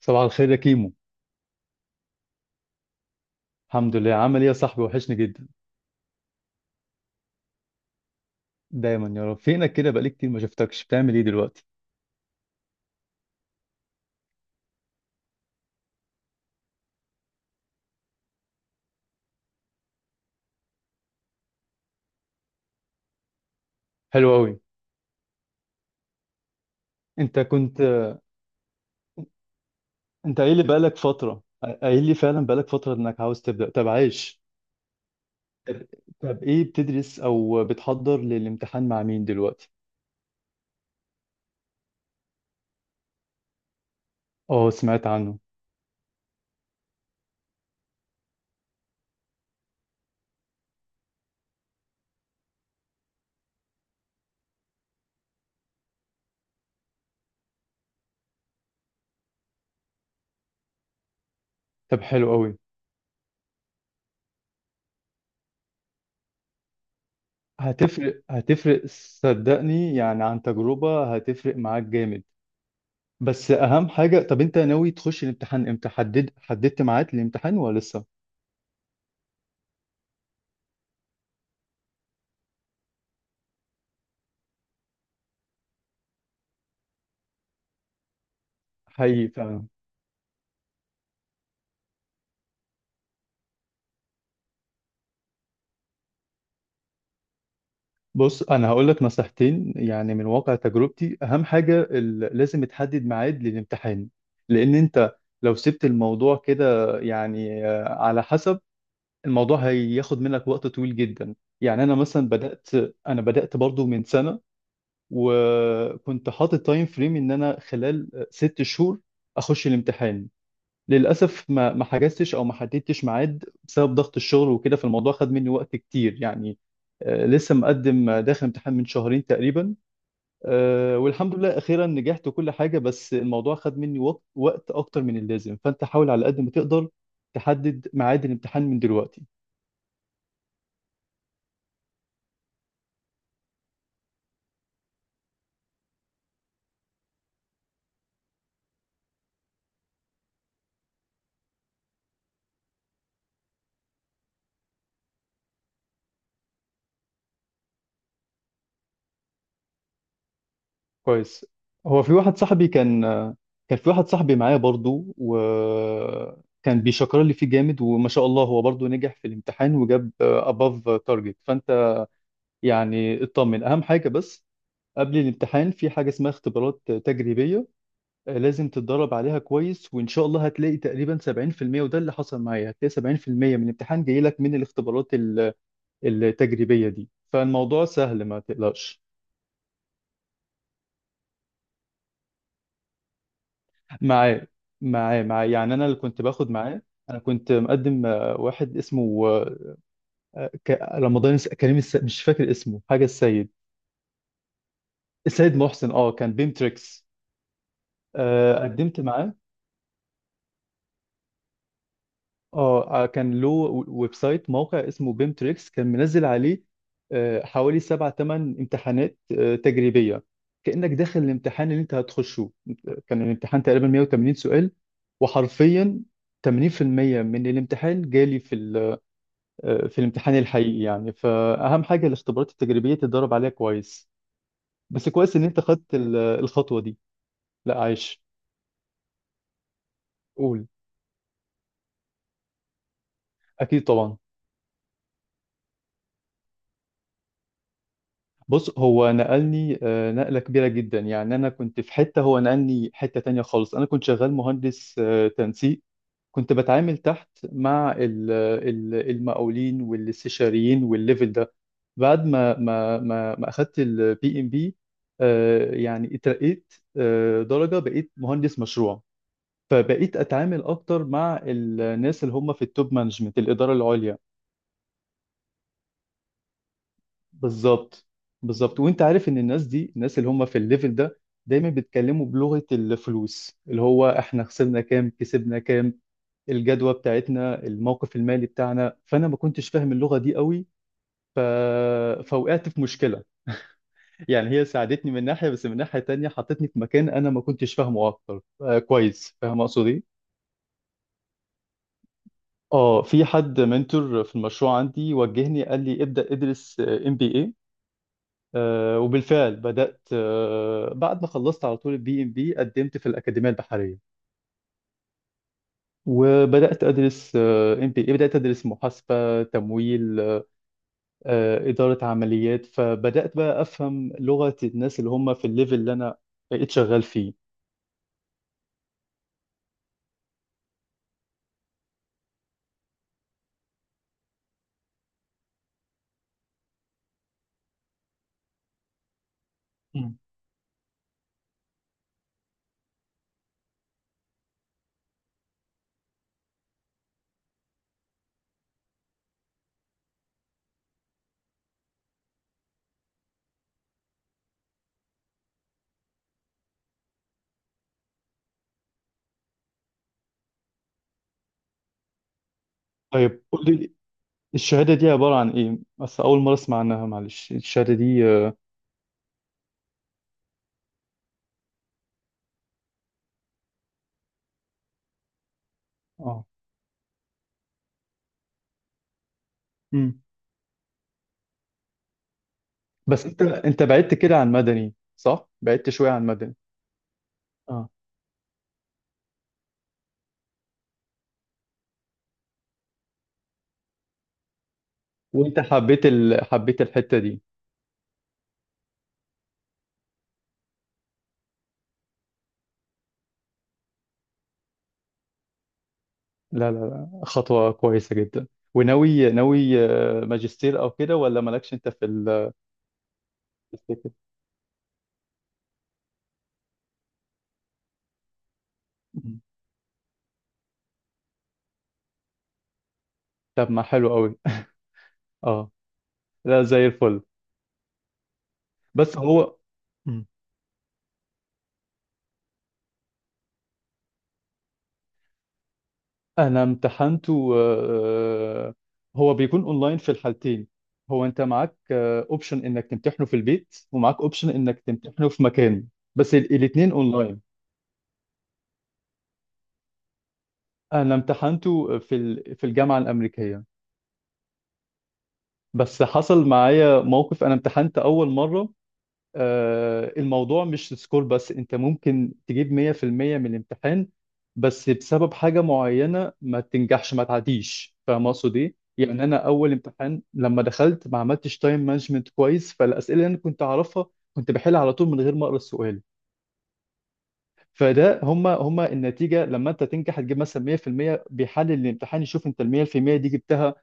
صباح الخير يا كيمو. الحمد لله، عامل ايه يا صاحبي؟ وحشني جدا. دايما يا رب. فينك كده؟ بقالي كتير ما شفتكش. بتعمل ايه دلوقتي؟ حلو قوي. انت كنت، انت قايل لي بقالك فترة، قايل لي فعلا بقالك فترة انك عاوز تبدأ. طب عايش. طب، طب ايه، بتدرس او بتحضر للامتحان مع مين دلوقتي؟ اه سمعت عنه. طب حلو قوي. هتفرق هتفرق صدقني، يعني عن تجربة هتفرق معاك جامد. بس اهم حاجة، طب انت ناوي تخش الامتحان امتى؟ حدد، حددت ميعاد الامتحان ولا لسه؟ حقيقي فعلا. بص انا هقول لك نصيحتين يعني من واقع تجربتي. اهم حاجه لازم تحدد ميعاد للامتحان، لان انت لو سبت الموضوع كده يعني على حسب، الموضوع هياخد منك وقت طويل جدا. يعني انا مثلا بدات، انا بدات برضو من سنه، وكنت حاطط تايم فريم ان انا خلال ست شهور اخش الامتحان. للأسف ما حجزتش أو ما حددتش ميعاد بسبب ضغط الشغل وكده، فالموضوع خد مني وقت كتير يعني. لسه مقدم، داخل امتحان من شهرين تقريبا، والحمد لله أخيرا نجحت وكل حاجة، بس الموضوع خد مني وقت أكتر من اللازم، فأنت حاول على قد ما تقدر تحدد ميعاد الامتحان من دلوقتي. كويس. هو في واحد صاحبي كان كان في واحد صاحبي معايا برضو وكان بيشكر لي فيه جامد، وما شاء الله هو برضو نجح في الامتحان وجاب above target، فأنت يعني اطمن. اهم حاجه بس قبل الامتحان في حاجه اسمها اختبارات تجريبيه، لازم تتدرب عليها كويس، وان شاء الله هتلاقي تقريبا 70%، وده اللي حصل معايا، هتلاقي 70% من الامتحان جاي لك من الاختبارات التجريبيه دي، فالموضوع سهل ما تقلقش. معاه معاه يعني انا اللي كنت باخد معاه. انا كنت مقدم واحد اسمه رمضان كريم مش فاكر اسمه حاجه السيد، السيد محسن. اه كان بيمتريكس. قدمت معاه. اه، كان له ويب سايت، موقع اسمه بيم تريكس، كان منزل عليه حوالي سبع ثمان امتحانات تجريبية، كأنك داخل الامتحان اللي انت هتخشه. كان الامتحان تقريبا 180 سؤال، وحرفيا 80% من الامتحان جالي في في الامتحان الحقيقي يعني. فأهم حاجة الاختبارات التجريبية تتدرب عليها كويس. بس كويس ان انت خدت الخطوة دي. لا عايش، قول. اكيد طبعا. بص هو نقلني نقلة كبيرة جدا. يعني أنا كنت في حتة، هو نقلني حتة تانية خالص. أنا كنت شغال مهندس تنسيق، كنت بتعامل تحت مع المقاولين والاستشاريين والليفل ده. بعد ما أخدت البي إم بي، يعني اترقيت درجة، بقيت مهندس مشروع، فبقيت أتعامل أكتر مع الناس اللي هم في التوب مانجمنت، الإدارة العليا. بالظبط، بالظبط. وانت عارف ان الناس دي، الناس اللي هم في الليفل ده، دايما بيتكلموا بلغة الفلوس، اللي هو احنا خسرنا كام، كسبنا كام، الجدوى بتاعتنا، الموقف المالي بتاعنا. فانا ما كنتش فاهم اللغة دي قوي. ف... فوقعت في مشكلة، يعني هي ساعدتني من ناحية، بس من ناحية تانية حطتني في مكان انا ما كنتش فاهمه اكتر، آه كويس، فاهم اقصد ايه؟ اه، في حد منتور في المشروع عندي وجهني، قال لي ابدأ ادرس ام بي اي. وبالفعل بدأت. بعد ما خلصت على طول البي ام بي قدمت في الأكاديمية البحرية، وبدأت أدرس ام بي اي، بدأت أدرس محاسبة، تمويل، إدارة عمليات، فبدأت بقى أفهم لغة الناس اللي هم في الليفل اللي أنا بقيت شغال فيه. مم. طيب قول لي، الشهادة دي عبارة عن إيه؟ بس أول مرة أسمع عنها، معلش. الشهادة دي آه، آه. مم. بس أنت، أنت بعدت كده عن مدني صح؟ بعدت شوية عن مدني. اه. وأنت حبيت حبيت الحتة دي؟ لا لا لا، خطوة كويسة جدا. وناوي، ناوي ماجستير أو كده، ولا مالكش أنت في في الفكر؟ مم. طب ما حلو قوي أه. لا زي الفل. بس هو، مم. أنا امتحنته هو بيكون أونلاين في الحالتين. هو أنت معاك أوبشن إنك تمتحنه في البيت، ومعاك أوبشن إنك تمتحنه في مكان، بس الاتنين أونلاين. أنا امتحنته في في الجامعة الأمريكية. بس حصل معايا موقف، أنا امتحنت أول مرة الموضوع مش سكور، بس انت ممكن تجيب 100% من الامتحان بس بسبب حاجة معينة ما تنجحش، ما تعديش. فاهم اقصد ايه؟ يعني انا اول امتحان لما دخلت ما عملتش تايم مانجمنت كويس، فالاسئلة اللي انا كنت اعرفها كنت بحل على طول من غير ما اقرا السؤال. فده هما النتيجة، لما انت تنجح هتجيب مثلا 100%، بيحلل الامتحان يشوف انت ال 100% دي جبتها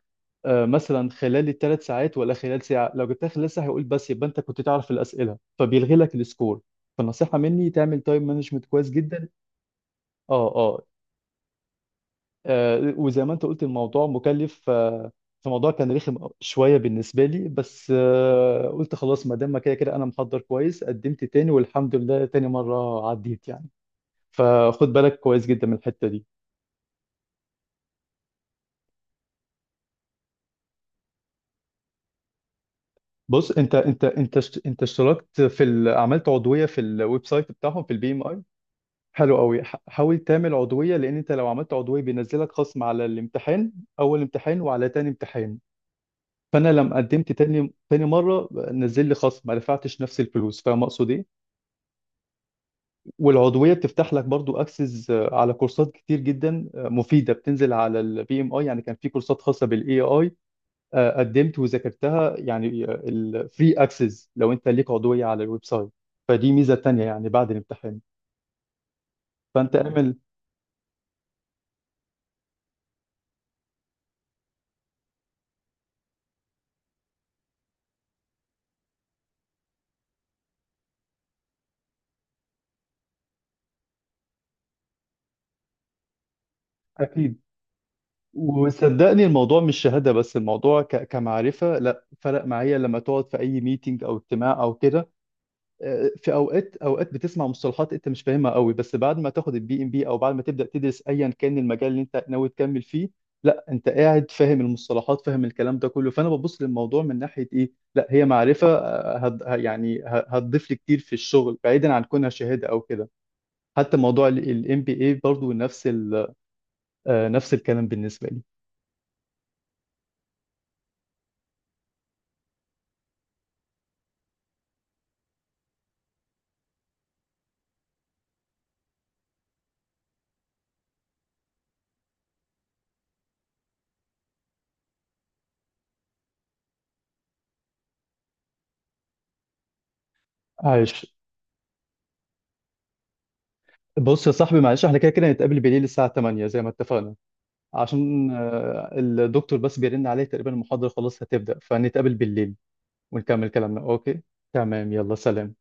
مثلا خلال الثلاث ساعات ولا خلال ساعة. لو جبتها خلال ساعة هيقول بس يبقى انت كنت تعرف الأسئلة، فبيلغي لك السكور. فالنصيحة مني، تعمل تايم مانجمنت كويس جدا. اه اه. وزي ما انت قلت الموضوع مكلف، فالموضوع كان رخم شوية بالنسبة لي، بس قلت خلاص ما دام ما كده كده انا محضر كويس، قدمت تاني والحمد لله تاني مرة عديت يعني. فخد بالك كويس جدا من الحتة دي. بص انت انت اشتركت في عملت عضوية في الويب سايت بتاعهم في البي ام؟ حلو قوي. حاول تعمل عضوية، لأن أنت لو عملت عضوية بينزلك خصم على الامتحان، أول امتحان وعلى تاني امتحان. فأنا لما قدمت تاني مرة نزل لي خصم، ما دفعتش نفس الفلوس. فاهم أقصد إيه؟ والعضوية بتفتح لك برضو أكسس على كورسات كتير جدا مفيدة، بتنزل على البي إم آي. يعني كان في كورسات خاصة بالإي آي، قدمت وذاكرتها، يعني الفري أكسس لو أنت ليك عضوية على الويب سايت. فدي ميزة تانية يعني بعد الامتحان. فأنت اعمل. أكيد. وصدقني الموضوع مش شهادة بس، الموضوع كمعرفة، لا فرق معايا. لما تقعد في أي ميتينج أو اجتماع أو كده في أوقات بتسمع مصطلحات أنت مش فاهمها قوي، بس بعد ما تاخد البي إم بي أو بعد ما تبدأ تدرس أيا كان المجال اللي أنت ناوي تكمل فيه، لا أنت قاعد فاهم المصطلحات، فاهم الكلام ده كله. فأنا ببص للموضوع من ناحية إيه، لا هي معرفة يعني هتضيف لي كتير في الشغل، بعيدا عن كونها شهادة أو كده. حتى موضوع الام بي اي برضه نفس نفس الكلام بالنسبة لي. عايش بص يا صاحبي، معلش احنا كده كده هنتقابل بالليل الساعة 8 زي ما اتفقنا، عشان الدكتور بس بيرن عليه تقريبا، المحاضرة خلاص هتبدأ، فنتقابل بالليل ونكمل كلامنا. اوكي تمام، يلا سلام.